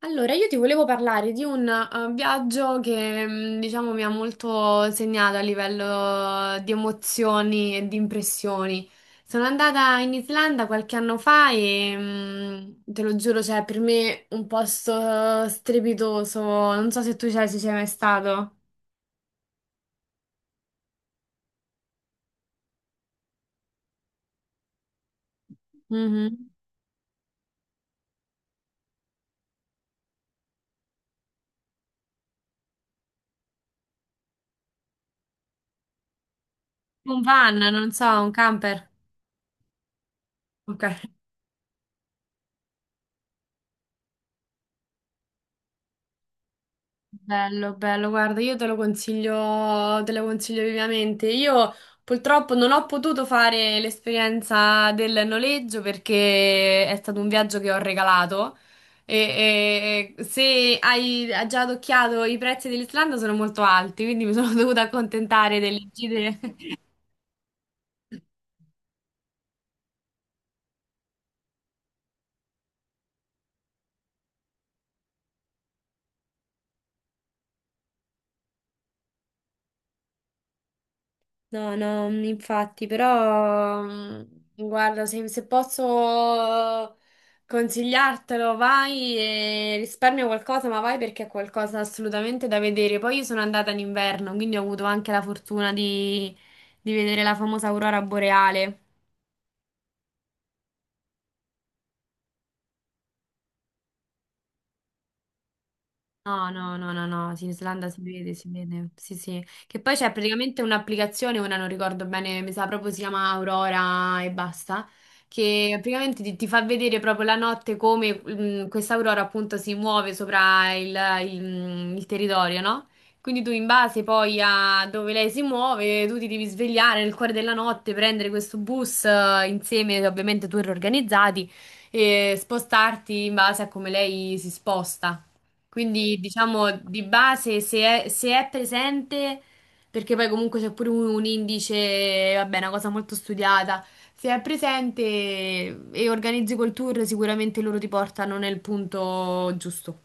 Allora, io ti volevo parlare di un viaggio che, diciamo, mi ha molto segnato a livello di emozioni e di impressioni. Sono andata in Islanda qualche anno fa e, te lo giuro, cioè, per me un posto strepitoso. Non so se tu ci sei mai stato. Mhm. Un van, non so, un camper. Ok. Bello, bello, guarda, io te lo consiglio vivamente. Io purtroppo non ho potuto fare l'esperienza del noleggio perché è stato un viaggio che ho regalato se hai già adocchiato i prezzi dell'Islanda sono molto alti, quindi mi sono dovuta accontentare delle gite. No, no, infatti, però guarda, se posso consigliartelo, vai e risparmia qualcosa, ma vai perché è qualcosa assolutamente da vedere. Poi io sono andata in inverno, quindi ho avuto anche la fortuna di vedere la famosa aurora boreale. No, no, no, no, no, sì, in Islanda si vede, sì, sì. Che poi c'è praticamente un'applicazione, ora non ricordo bene, mi sa proprio si chiama Aurora e basta, che praticamente ti fa vedere proprio la notte come questa aurora appunto si muove sopra il territorio, no? Quindi tu in base poi a dove lei si muove, tu ti devi svegliare nel cuore della notte, prendere questo bus insieme, ovviamente tour organizzati, e spostarti in base a come lei si sposta. Quindi diciamo di base se è presente, perché poi comunque c'è pure un indice, vabbè, una cosa molto studiata, se è presente e organizzi col tour sicuramente loro ti portano nel punto giusto.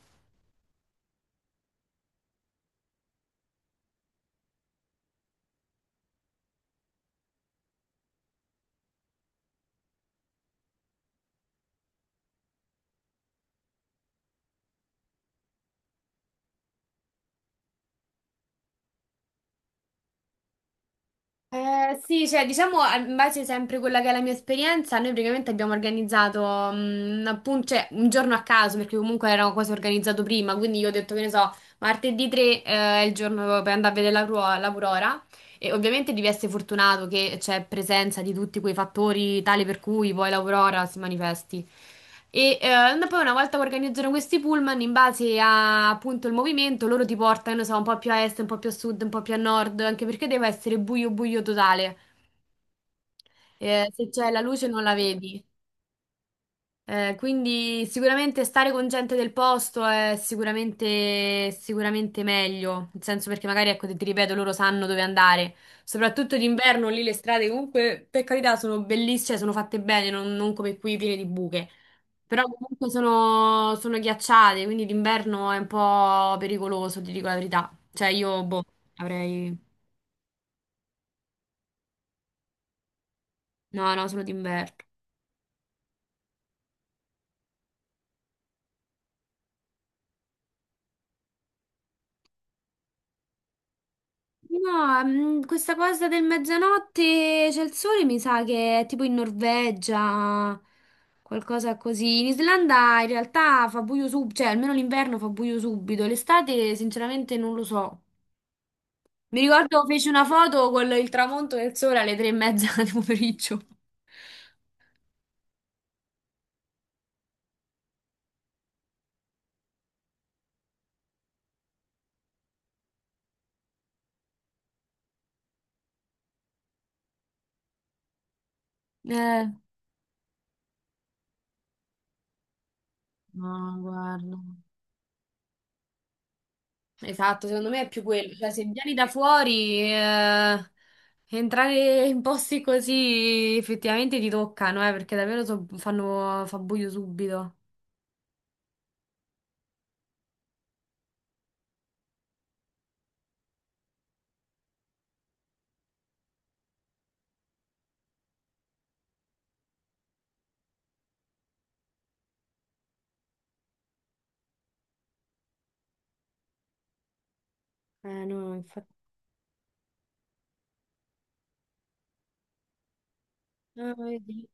Sì, cioè diciamo in base sempre a quella che è la mia esperienza, noi praticamente abbiamo organizzato cioè, un giorno a caso perché comunque era quasi organizzato prima, quindi io ho detto che ne so, martedì 3 è il giorno per andare a vedere l'aurora. E ovviamente devi essere fortunato che c'è presenza di tutti quei fattori tale per cui poi l'aurora si manifesti. E poi una volta che organizzano questi pullman, in base a appunto il movimento, loro ti portano, non so, un po' più a est, un po' più a sud, un po' più a nord, anche perché deve essere buio buio totale. Se c'è la luce non la vedi. Quindi sicuramente stare con gente del posto è sicuramente, sicuramente meglio, nel senso perché magari, ecco, ti ripeto, loro sanno dove andare, soprattutto d'inverno lì le strade comunque, per carità, sono bellissime, cioè, sono fatte bene, non come qui piene di buche, però comunque sono ghiacciate, quindi d'inverno è un po' pericoloso, ti dico la verità, cioè io, boh, avrei. No, no, solo d'inverno. No, questa cosa del mezzanotte c'è il sole, mi sa che è tipo in Norvegia, qualcosa così. In Islanda in realtà fa buio subito, cioè almeno l'inverno fa buio subito, l'estate sinceramente non lo so. Mi ricordo feci una foto con il tramonto del sole alle tre e mezza del pomeriggio. Eh, No, guarda, esatto, secondo me è più quello, cioè se vieni da fuori, entrare in posti così effettivamente ti toccano, perché davvero fa buio subito. No, infatti. Ah, vedi?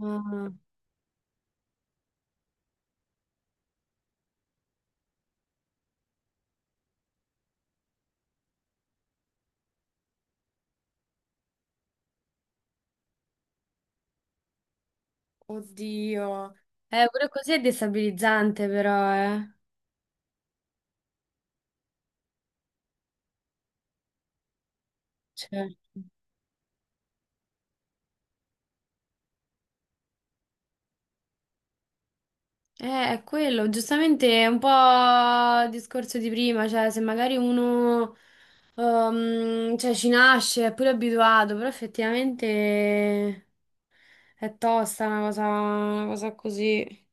Ah. Oddio. Pure così è destabilizzante, però, eh. Certo. È quello, giustamente è un po' il discorso di prima, cioè se magari uno cioè, ci nasce, è pure abituato, però effettivamente è tosta una cosa così.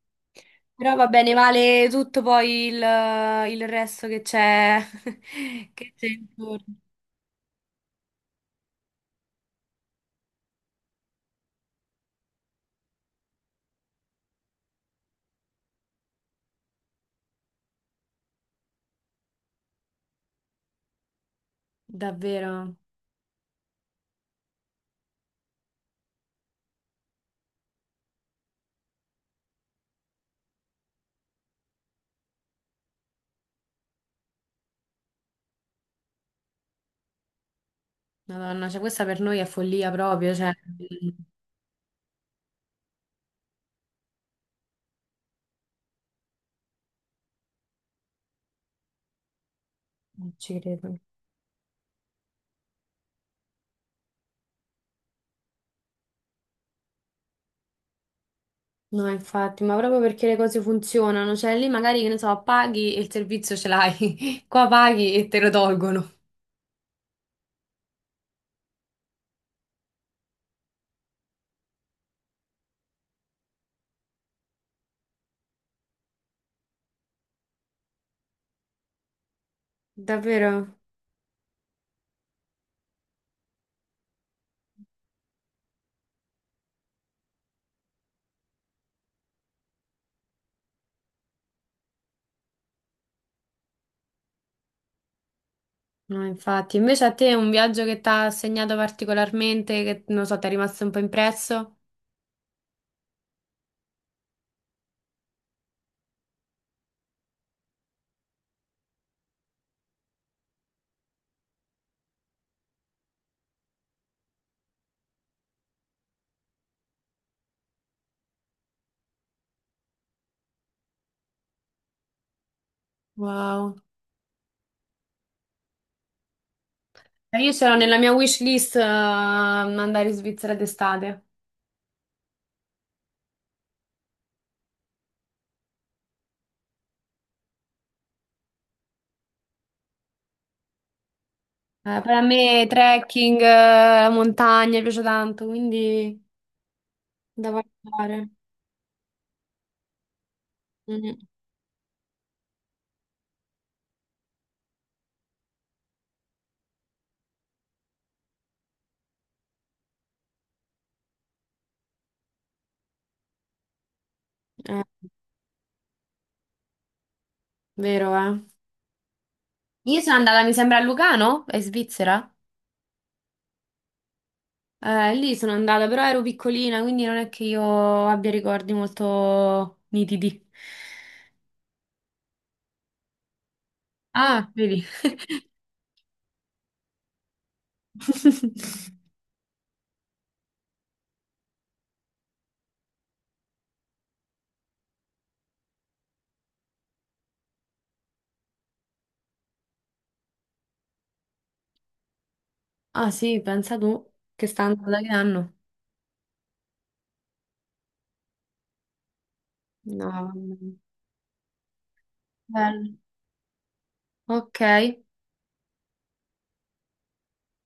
Però va bene, vale tutto poi il resto che c'è che c'è intorno. Davvero. Madonna, cioè questa per noi è follia proprio, cioè non ci credo. No, infatti, ma proprio perché le cose funzionano, cioè lì magari, che ne so, paghi e il servizio ce l'hai, qua paghi e te lo tolgono. Davvero? No, infatti, invece a te un viaggio che ti ha segnato particolarmente, che non so, ti è rimasto un po' impresso? Wow. Io c'ero nella mia wish list andare in Svizzera d'estate. Poi a me trekking, la montagna, mi piace tanto, quindi da valutare. Mm. Eh, vero, eh. Io sono andata, mi sembra, a Lugano, in Svizzera. Lì sono andata, però ero piccolina, quindi non è che io abbia ricordi molto nitidi. Ah, vedi. Ah sì, pensa tu, che sta andando da che anno? No, vabbè. Bello. Ok,